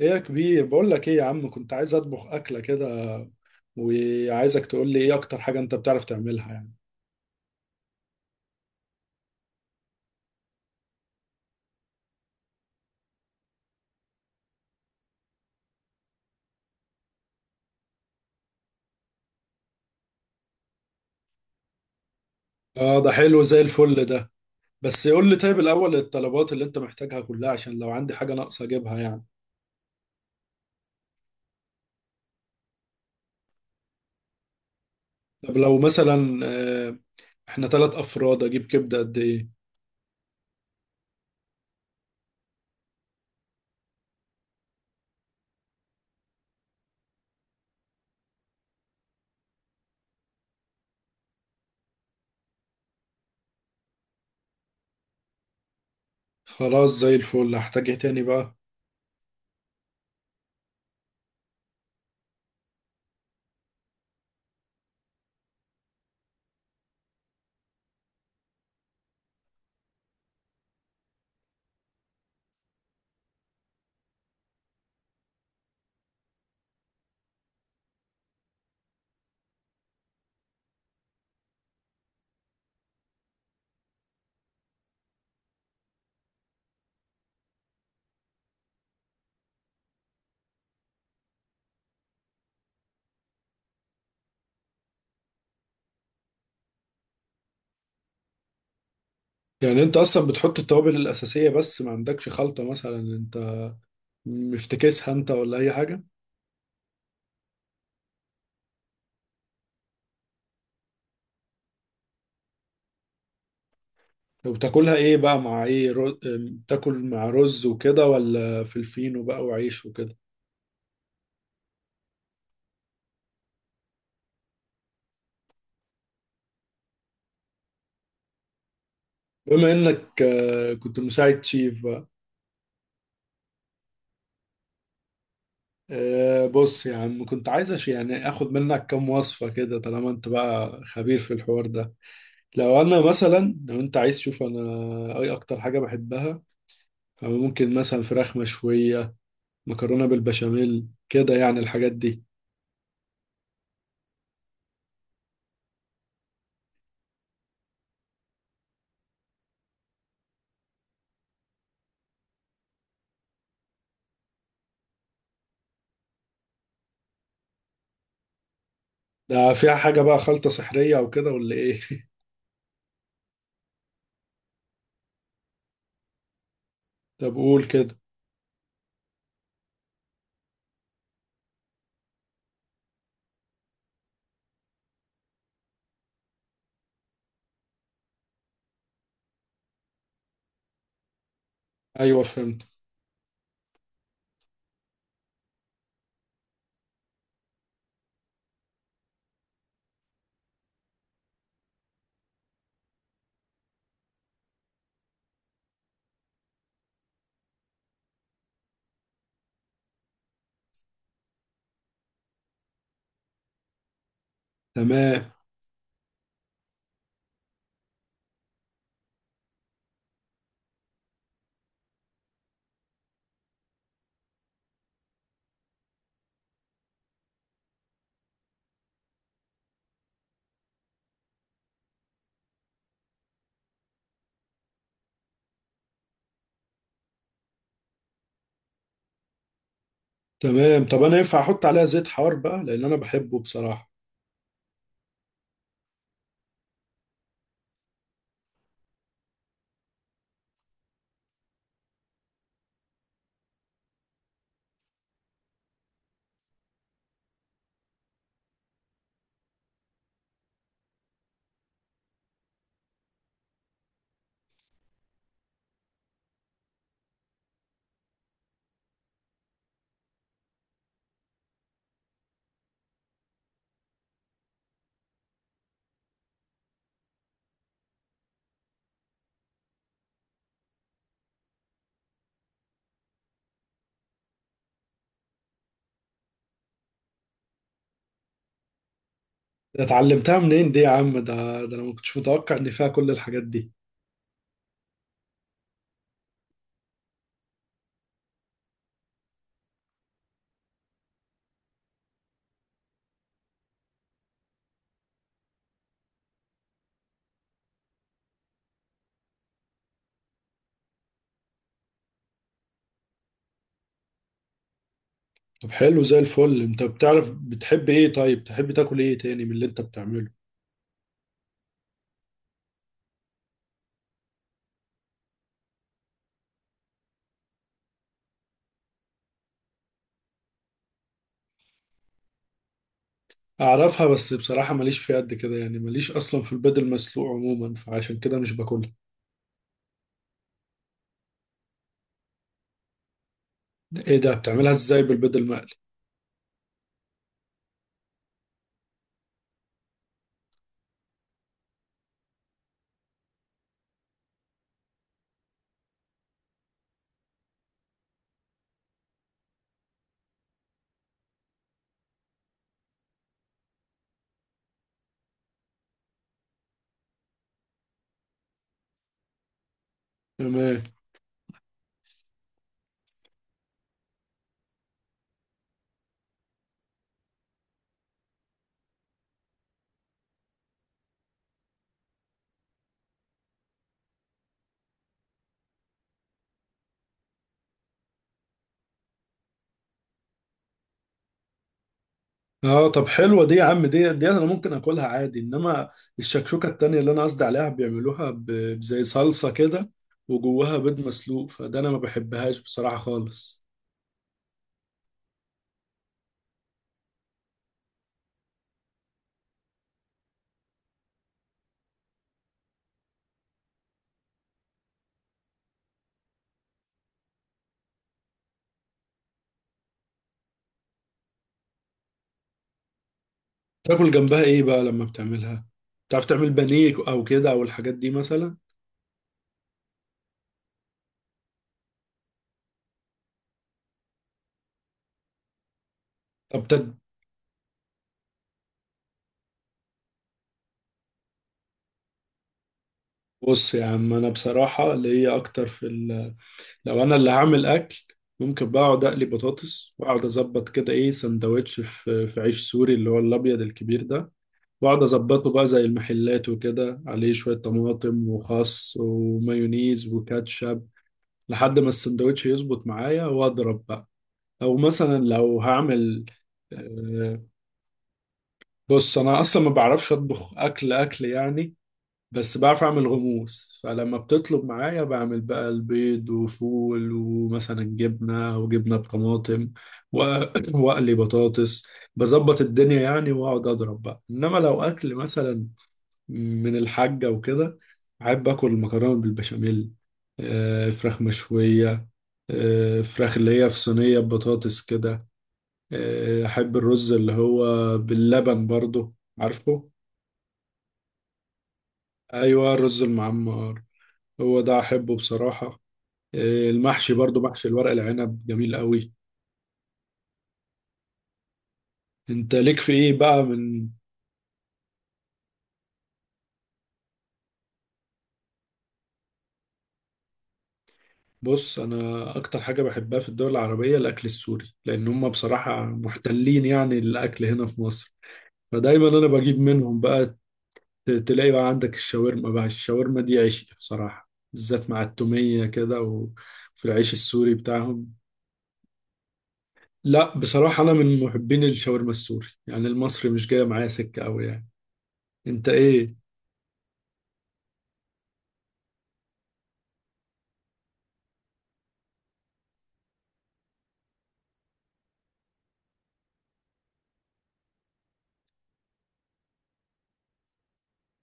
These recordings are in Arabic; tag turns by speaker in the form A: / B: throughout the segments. A: ايه يا كبير، بقول لك ايه يا عم، كنت عايز اطبخ اكله كده، وعايزك تقول لي ايه اكتر حاجه انت بتعرف تعملها يعني. اه، ده حلو زي الفل ده. بس قول لي طيب الاول الطلبات اللي انت محتاجها كلها، عشان لو عندي حاجه ناقصه اجيبها يعني. طب لو مثلا احنا 3 افراد، اجيب كبده قد ايه؟ خلاص زي الفل، هحتاج ايه تاني بقى؟ يعني انت اصلا بتحط التوابل الاساسيه بس، ما عندكش خلطه مثلا انت مفتكسها انت، ولا اي حاجه؟ طب بتاكلها ايه بقى؟ مع ايه رو... أم، تاكل، مع رز وكده، ولا فلفينو بقى وعيش وكده؟ بما انك كنت مساعد شيف بقى. بص يا عم، كنت عايز يعني اخد منك كام وصفة كده، طالما انت بقى خبير في الحوار ده. لو انا مثلا، لو انت عايز تشوف انا اي اكتر حاجة بحبها، فممكن مثلا فراخ مشوية، مكرونة بالبشاميل كده، يعني الحاجات دي. ده فيها حاجة بقى، خلطة سحرية او كده، ولا ايه؟ طب قول كده. ايوه، فهمت. تمام. تمام. طب انا ينفع احط عليها زيت حار بقى، لان انا بحبه بصراحه. اتعلمتها منين دي يا عم؟ ده انا ما كنتش متوقع ان فيها كل الحاجات دي. طب حلو زي الفل، انت بتعرف بتحب ايه؟ طيب تحب تاكل ايه تاني من اللي انت بتعمله؟ اعرفها، بس بصراحه ماليش فيها قد كده يعني، ماليش اصلا في البيض المسلوق عموما، فعشان كده مش باكلها. ايه ده؟ بتعملها ازاي بالبيض المقلي؟ تمام. اه، طب حلوه دي يا عم، دي انا ممكن اكلها عادي، انما الشكشوكه التانية اللي انا قصدي عليها بيعملوها بزي صلصه كده، وجواها بيض مسلوق، فده انا ما بحبهاش بصراحه خالص. تاكل جنبها ايه بقى لما بتعملها؟ تعرف تعمل بانيه او كده، او الحاجات دي مثلا؟ طب، بص يا عم، انا بصراحه اللي هي اكتر في ال... لو انا اللي هعمل اكل، ممكن بقى اقعد اقلي بطاطس، واقعد اظبط كده ايه سندوتش في عيش سوري، اللي هو الابيض الكبير ده، واقعد اظبطه بقى زي المحلات وكده، عليه شويه طماطم وخس ومايونيز وكاتشب، لحد ما السندوتش يظبط معايا واضرب بقى. او مثلا لو هعمل آه، بص انا اصلا ما بعرفش اطبخ اكل اكل يعني، بس بعرف اعمل غموس، فلما بتطلب معايا بعمل بقى البيض وفول، ومثلا جبنه وجبنه بطماطم، و- واقلي بطاطس، بظبط الدنيا يعني، واقعد اضرب بقى. انما لو اكل مثلا من الحاجة وكده، بحب آكل المكرونة بالبشاميل، فراخ مشوية، فراخ اللي هي في صينية بطاطس كده، أحب الرز اللي هو باللبن برضو، عارفه؟ أيوة، الرز المعمر، هو ده أحبه بصراحة. المحشي برضو، محشي الورق العنب جميل قوي. أنت ليك في إيه بقى من؟ بص، أنا أكتر حاجة بحبها في الدول العربية الأكل السوري، لأن هم بصراحة محتلين يعني الأكل هنا في مصر، فدايما انا بجيب منهم بقى. تلاقي بقى عندك الشاورما بقى، الشاورما دي عيش بصراحة، بالذات مع التومية كده وفي العيش السوري بتاعهم. لا بصراحة، انا من محبين الشاورما السوري يعني، المصري مش جاية معايا سكة قوي يعني. انت ايه؟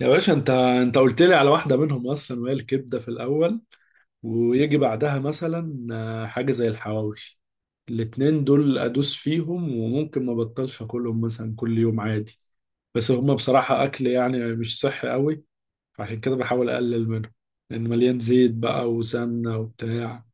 A: يا باشا، انت قلت لي على واحدة منهم اصلا، وهي الكبدة في الاول، ويجي بعدها مثلا حاجة زي الحواوشي. الاتنين دول ادوس فيهم، وممكن ما بطلش اكلهم مثلا كل يوم عادي، بس هما بصراحة أكل يعني مش صحي قوي، فعشان كده بحاول اقلل منه، لان مليان زيت بقى وسمنه وبتاع.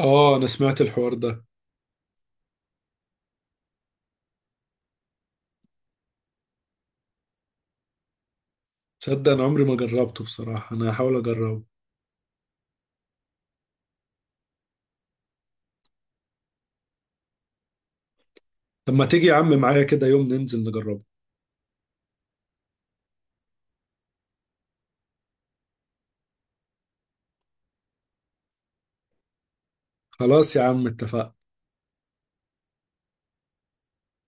A: اه، انا سمعت الحوار ده. تصدق انا عمري ما جربته بصراحه، انا هحاول اجربه. طب ما تيجي يا عم معايا كده يوم ننزل نجربه؟ خلاص يا عم، اتفقنا.